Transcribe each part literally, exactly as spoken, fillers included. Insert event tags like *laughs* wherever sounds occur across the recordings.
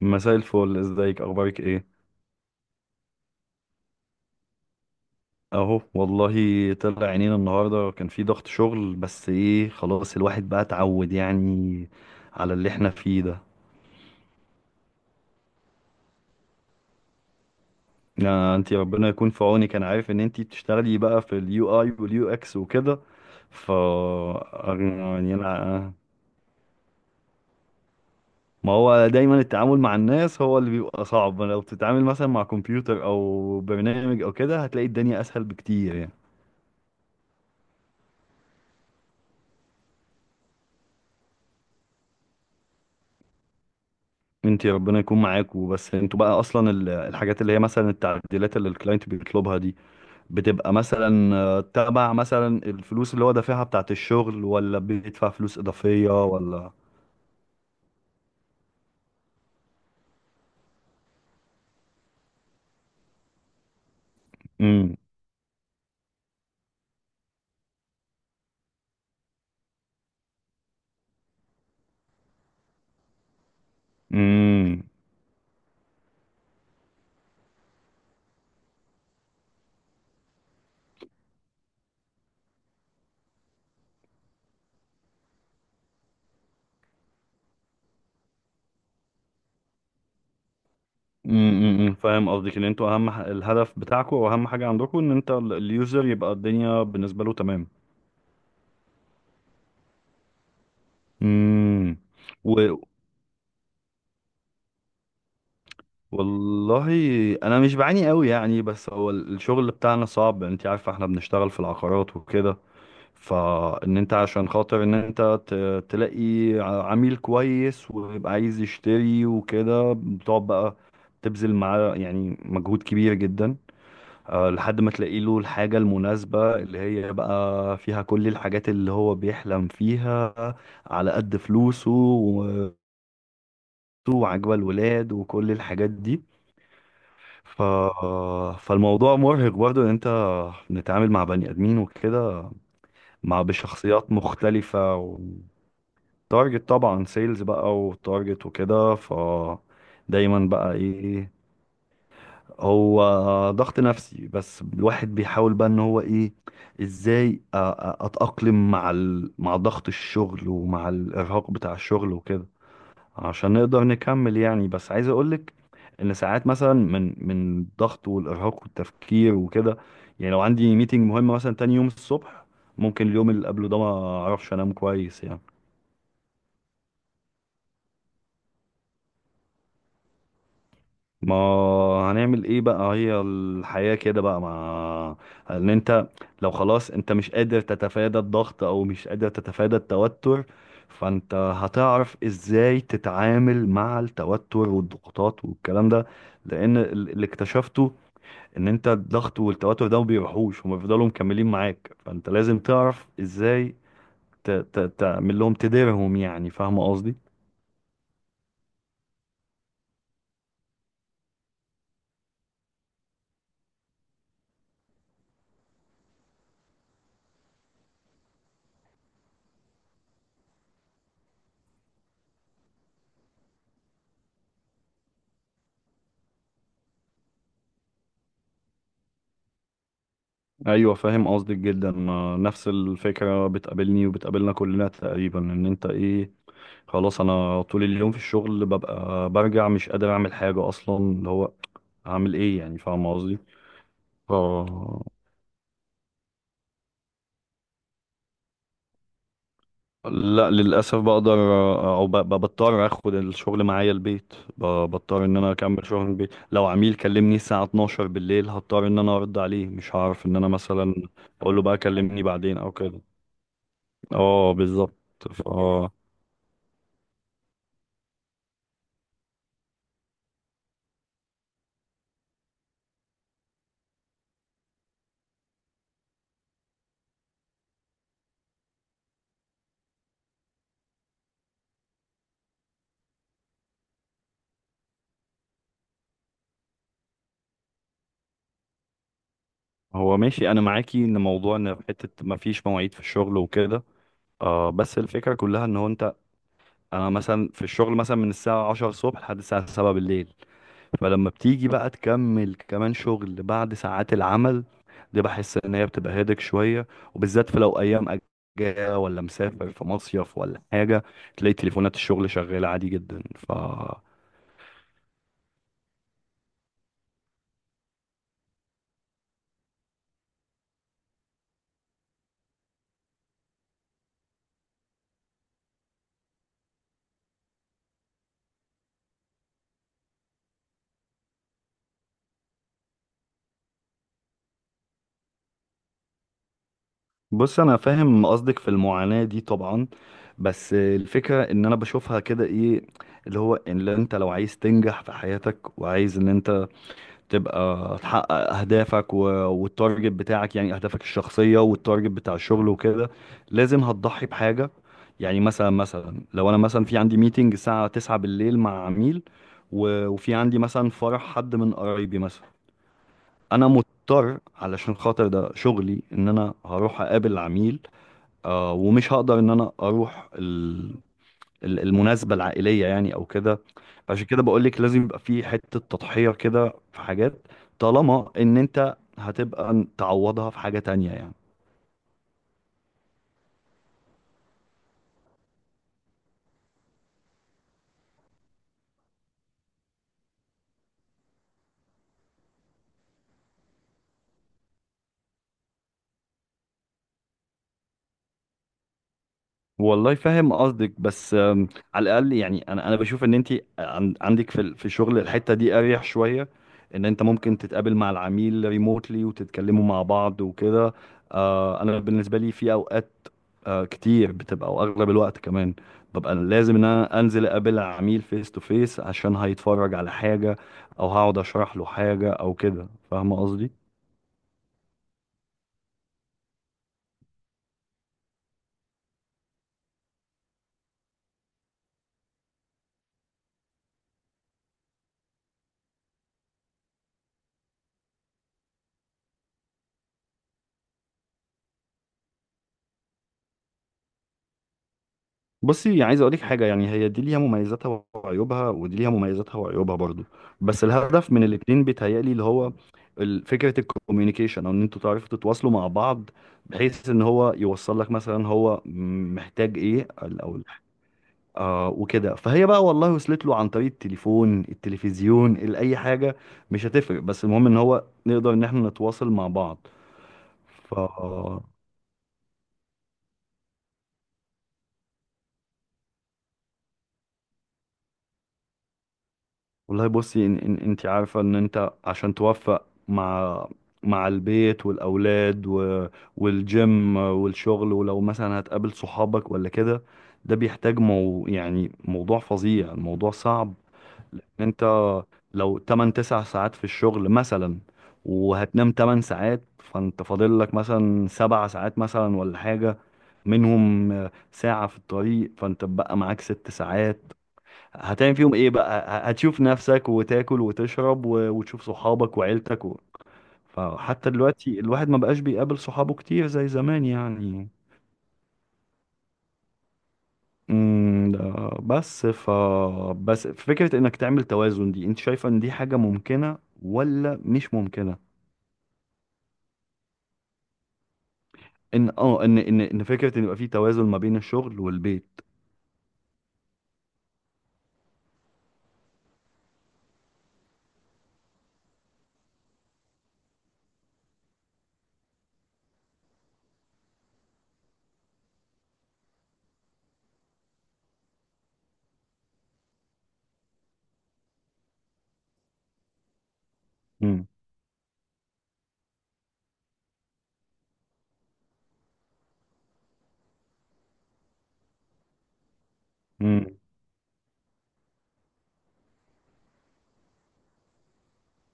مساء الفل، ازيك؟ اخبارك ايه؟ اهو والله. طلع عينينا النهارده، كان في ضغط شغل، بس ايه، خلاص الواحد بقى اتعود يعني على اللي احنا فيه ده. آه، انتي ربنا يكون في عونك. انا عارف ان انتي بتشتغلي بقى في اليو اي واليو اكس وكده. ف يعني انا، ما هو دايما التعامل مع الناس هو اللي بيبقى صعب. لو بتتعامل مثلا مع كمبيوتر او برنامج او كده هتلاقي الدنيا اسهل بكتير يعني. انت ربنا يكون معاك. وبس انتوا بقى اصلا ال- الحاجات اللي هي مثلا التعديلات اللي الكلاينت بيطلبها دي بتبقى مثلا آه، تبع مثلا الفلوس اللي هو دافعها بتاعت الشغل، ولا بيدفع فلوس اضافية، ولا؟ امم امم امم فاهم قصدك ان انتوا اهم ح- الهدف بتاعكم واهم حاجة عندكم ان انت ال- اليوزر يبقى الدنيا بالنسبة له تمام. امم و... والله انا مش بعاني قوي يعني، بس هو ال- الشغل بتاعنا صعب. انت عارفة احنا بنشتغل في العقارات وكده، فان انت عشان خاطر ان انت ت- تلاقي ع- عميل كويس ويبقى عايز يشتري وكده، بتقعد بقى تبذل معاه يعني مجهود كبير جدا، آه، لحد ما تلاقي له الحاجة المناسبة اللي هي بقى فيها كل الحاجات اللي هو بيحلم فيها، على قد فلوسه و- وعجبة الولاد وكل الحاجات دي. ف... فالموضوع مرهق برضه ان انت بنتعامل مع بني ادمين وكده، مع بشخصيات مختلفة. تارجت طبعا سيلز بقى، وتارجت وكده. ف دايما بقى ايه، هو ضغط نفسي، بس الواحد بيحاول بقى ان هو ايه، ازاي أ- أ- اتأقلم مع ال... مع ضغط الشغل ومع الارهاق بتاع الشغل وكده، عشان نقدر نكمل يعني. بس عايز اقولك ان ساعات مثلا من من الضغط والارهاق والتفكير وكده، يعني لو عندي ميتنج مهم مثلا تاني يوم الصبح، ممكن اليوم اللي قبله ده ما اعرفش انام كويس يعني. ما هنعمل ايه بقى، هي الحياة كده بقى. مع ان انت لو خلاص انت مش قادر تتفادى الضغط، او مش قادر تتفادى التوتر، فانت هتعرف ازاي تتعامل مع التوتر والضغوطات والكلام ده. لان ال- اللي اكتشفته ان انت الضغط والتوتر ده ما بيروحوش، هما بيفضلوا مكملين معاك، فانت لازم تعرف ازاي ت- ت- تعمل لهم، تديرهم يعني. فاهم قصدي؟ ايوه فاهم قصدك جدا. ما نفس الفكره بتقابلني وبتقابلنا كلنا تقريبا، ان انت ايه، خلاص انا طول اليوم في الشغل، ببقى برجع مش قادر اعمل حاجه اصلا، اللي هو هعمل ايه يعني، فاهم قصدي؟ ف لا، للاسف بقدر، او ب- ب- بضطر اخد الشغل معايا البيت، ب- بضطر ان انا اكمل شغل البيت. لو عميل كلمني الساعه اتناشر بالليل، هضطر ان انا ارد عليه، مش هعرف ان انا مثلا اقول له بقى كلمني بعدين او كده. اه بالظبط. ف هو ماشي، انا معاكي ان موضوع ان في حته ما فيش مواعيد في الشغل وكده، آه. بس الفكره كلها ان هو انت، انا مثلا في الشغل مثلا من الساعه عشرة الصبح لحد الساعه السابعة بالليل، فلما بتيجي بقى تكمل كمان شغل بعد ساعات العمل دي، بحس ان هي بتبقى هيدك شويه، وبالذات في لو ايام اجازه ولا مسافر في مصيف ولا حاجه، تلاقي تليفونات الشغل شغاله عادي جدا. ف بص انا فاهم قصدك في المعاناة دي طبعا، بس الفكرة ان انا بشوفها كده، ايه اللي هو، ان لو انت، لو عايز تنجح في حياتك وعايز ان انت تبقى تحقق اهدافك و... والتارجت بتاعك، يعني اهدافك الشخصية والتارجت بتاع الشغل وكده، لازم هتضحي بحاجة. يعني مثلا مثلا لو انا مثلا في عندي ميتنج الساعة تسعة بالليل مع عميل، و... وفي عندي مثلا فرح حد من قرايبي مثلا، انا مضطر علشان خاطر ده شغلي ان انا هروح اقابل العميل، آه، ومش هقدر ان انا اروح ال... ال- المناسبة العائلية يعني او كده. عشان كده بقول لك لازم يبقى في حتة تضحية كده في حاجات، طالما ان انت هتبقى تعوضها في حاجة تانية يعني. والله فاهم قصدك، بس آم، على الاقل يعني، انا انا بشوف ان انت عندك في ال- في الشغل الحته دي اريح شويه، ان انت ممكن تتقابل مع العميل ريموتلي وتتكلموا مع بعض وكده. آه، انا بالنسبه لي في اوقات آه، كتير بتبقى او اغلب الوقت كمان، ببقى لازم ان انا انزل اقابل العميل فيس تو فيس، عشان هيتفرج على حاجه، او هقعد اشرح له حاجه او كده، فاهمه قصدي؟ بصي عايز اقول لك حاجه، يعني هي دي ليها مميزاتها وعيوبها، ودي ليها مميزاتها وعيوبها برضو، بس الهدف من الاتنين بيتهيألي اللي هو ال- فكره الكوميونيكيشن، او ان انتوا تعرفوا تتواصلوا مع بعض، بحيث ان هو يوصل لك مثلا هو محتاج ايه، ال- او آه وكده. فهي بقى والله وصلت له عن طريق التليفون، التلفزيون، ال- اي حاجه مش هتفرق، بس المهم ان هو نقدر ان احنا نتواصل مع بعض. والله بصي، إن إن انت عارفة ان انت عشان توفق مع مع البيت والأولاد و... والجيم والشغل، ولو مثلا هتقابل صحابك ولا كده، ده بيحتاج مو... يعني موضوع فظيع، الموضوع صعب. لأن انت لو تمن تسع ساعات في الشغل مثلا، وهتنام ثماني ساعات، فانت فاضل لك مثلا سبع ساعات مثلا، ولا حاجة، منهم ساعة في الطريق، فانت بقى معاك ست ساعات، هتعمل فيهم ايه بقى، ه- هتشوف نفسك وتاكل وتشرب و- وتشوف صحابك وعيلتك و... فحتى دلوقتي الواحد ما بقاش بيقابل صحابه كتير زي زمان يعني. امم ده بس. ف بس فكرة انك تعمل توازن دي، انت شايفة ان دي حاجة ممكنة ولا مش ممكنة؟ ان اه ان ان ان فكرة ان يبقى في توازن ما بين الشغل والبيت. امم. امم.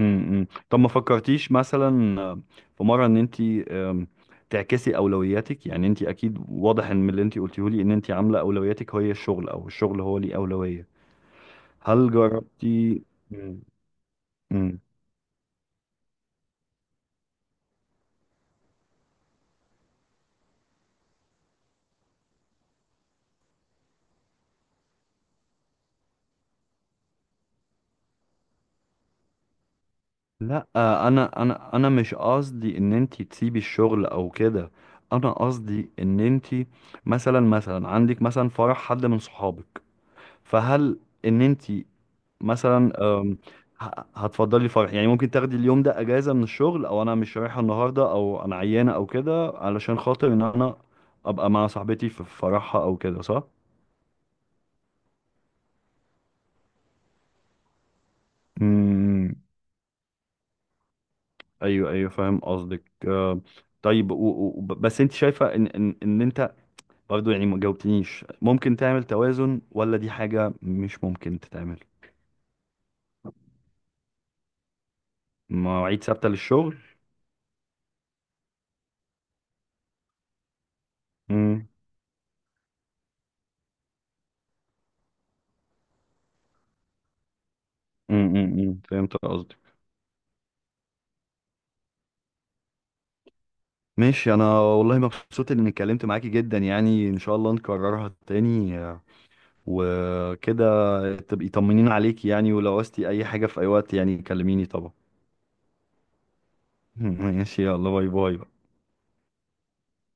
امم طب ما فكرتيش مثلا، آه، في مره، ان انت تعكسي اولوياتك؟ يعني انت اكيد واضح ان من اللي انت قلتيه لي، ان انت عامله اولوياتك هي الشغل، او الشغل هو ليه اولويه. هل جربتي؟ مم. مم. لا، آه، انا انا انا مش قصدي ان انت تسيبي الشغل او كده. انا قصدي ان انت مثلا مثلا عندك مثلا فرح حد من صحابك، فهل ان انت مثلا أم، ه- هتفضلي فرح يعني، ممكن تاخدي اليوم ده اجازة من الشغل، او انا مش رايحة النهاردة، او انا عيانة او كده، علشان خاطر ان انا ابقى مع صاحبتي في فرحها او كده، صح؟ امم. ايوه ايوه فاهم قصدك. آه، طيب، و و و- بس انت شايفه ان ان ان انت برضو يعني، ما جاوبتنيش، ممكن تعمل توازن، ولا دي حاجه مش ممكن تتعمل؟ مواعيد ثابته للشغل. امم امم فهمت قصدك. ماشي، انا والله مبسوط اني اتكلمت معاكي جدا يعني، ان شاء الله نكررها تاني، آه، وكده تبقي طمنين عليكي يعني، ولو عوزتي اي حاجة في اي وقت يعني كلميني طبعا. *laughs* ماشي يلا، باي باي بقى.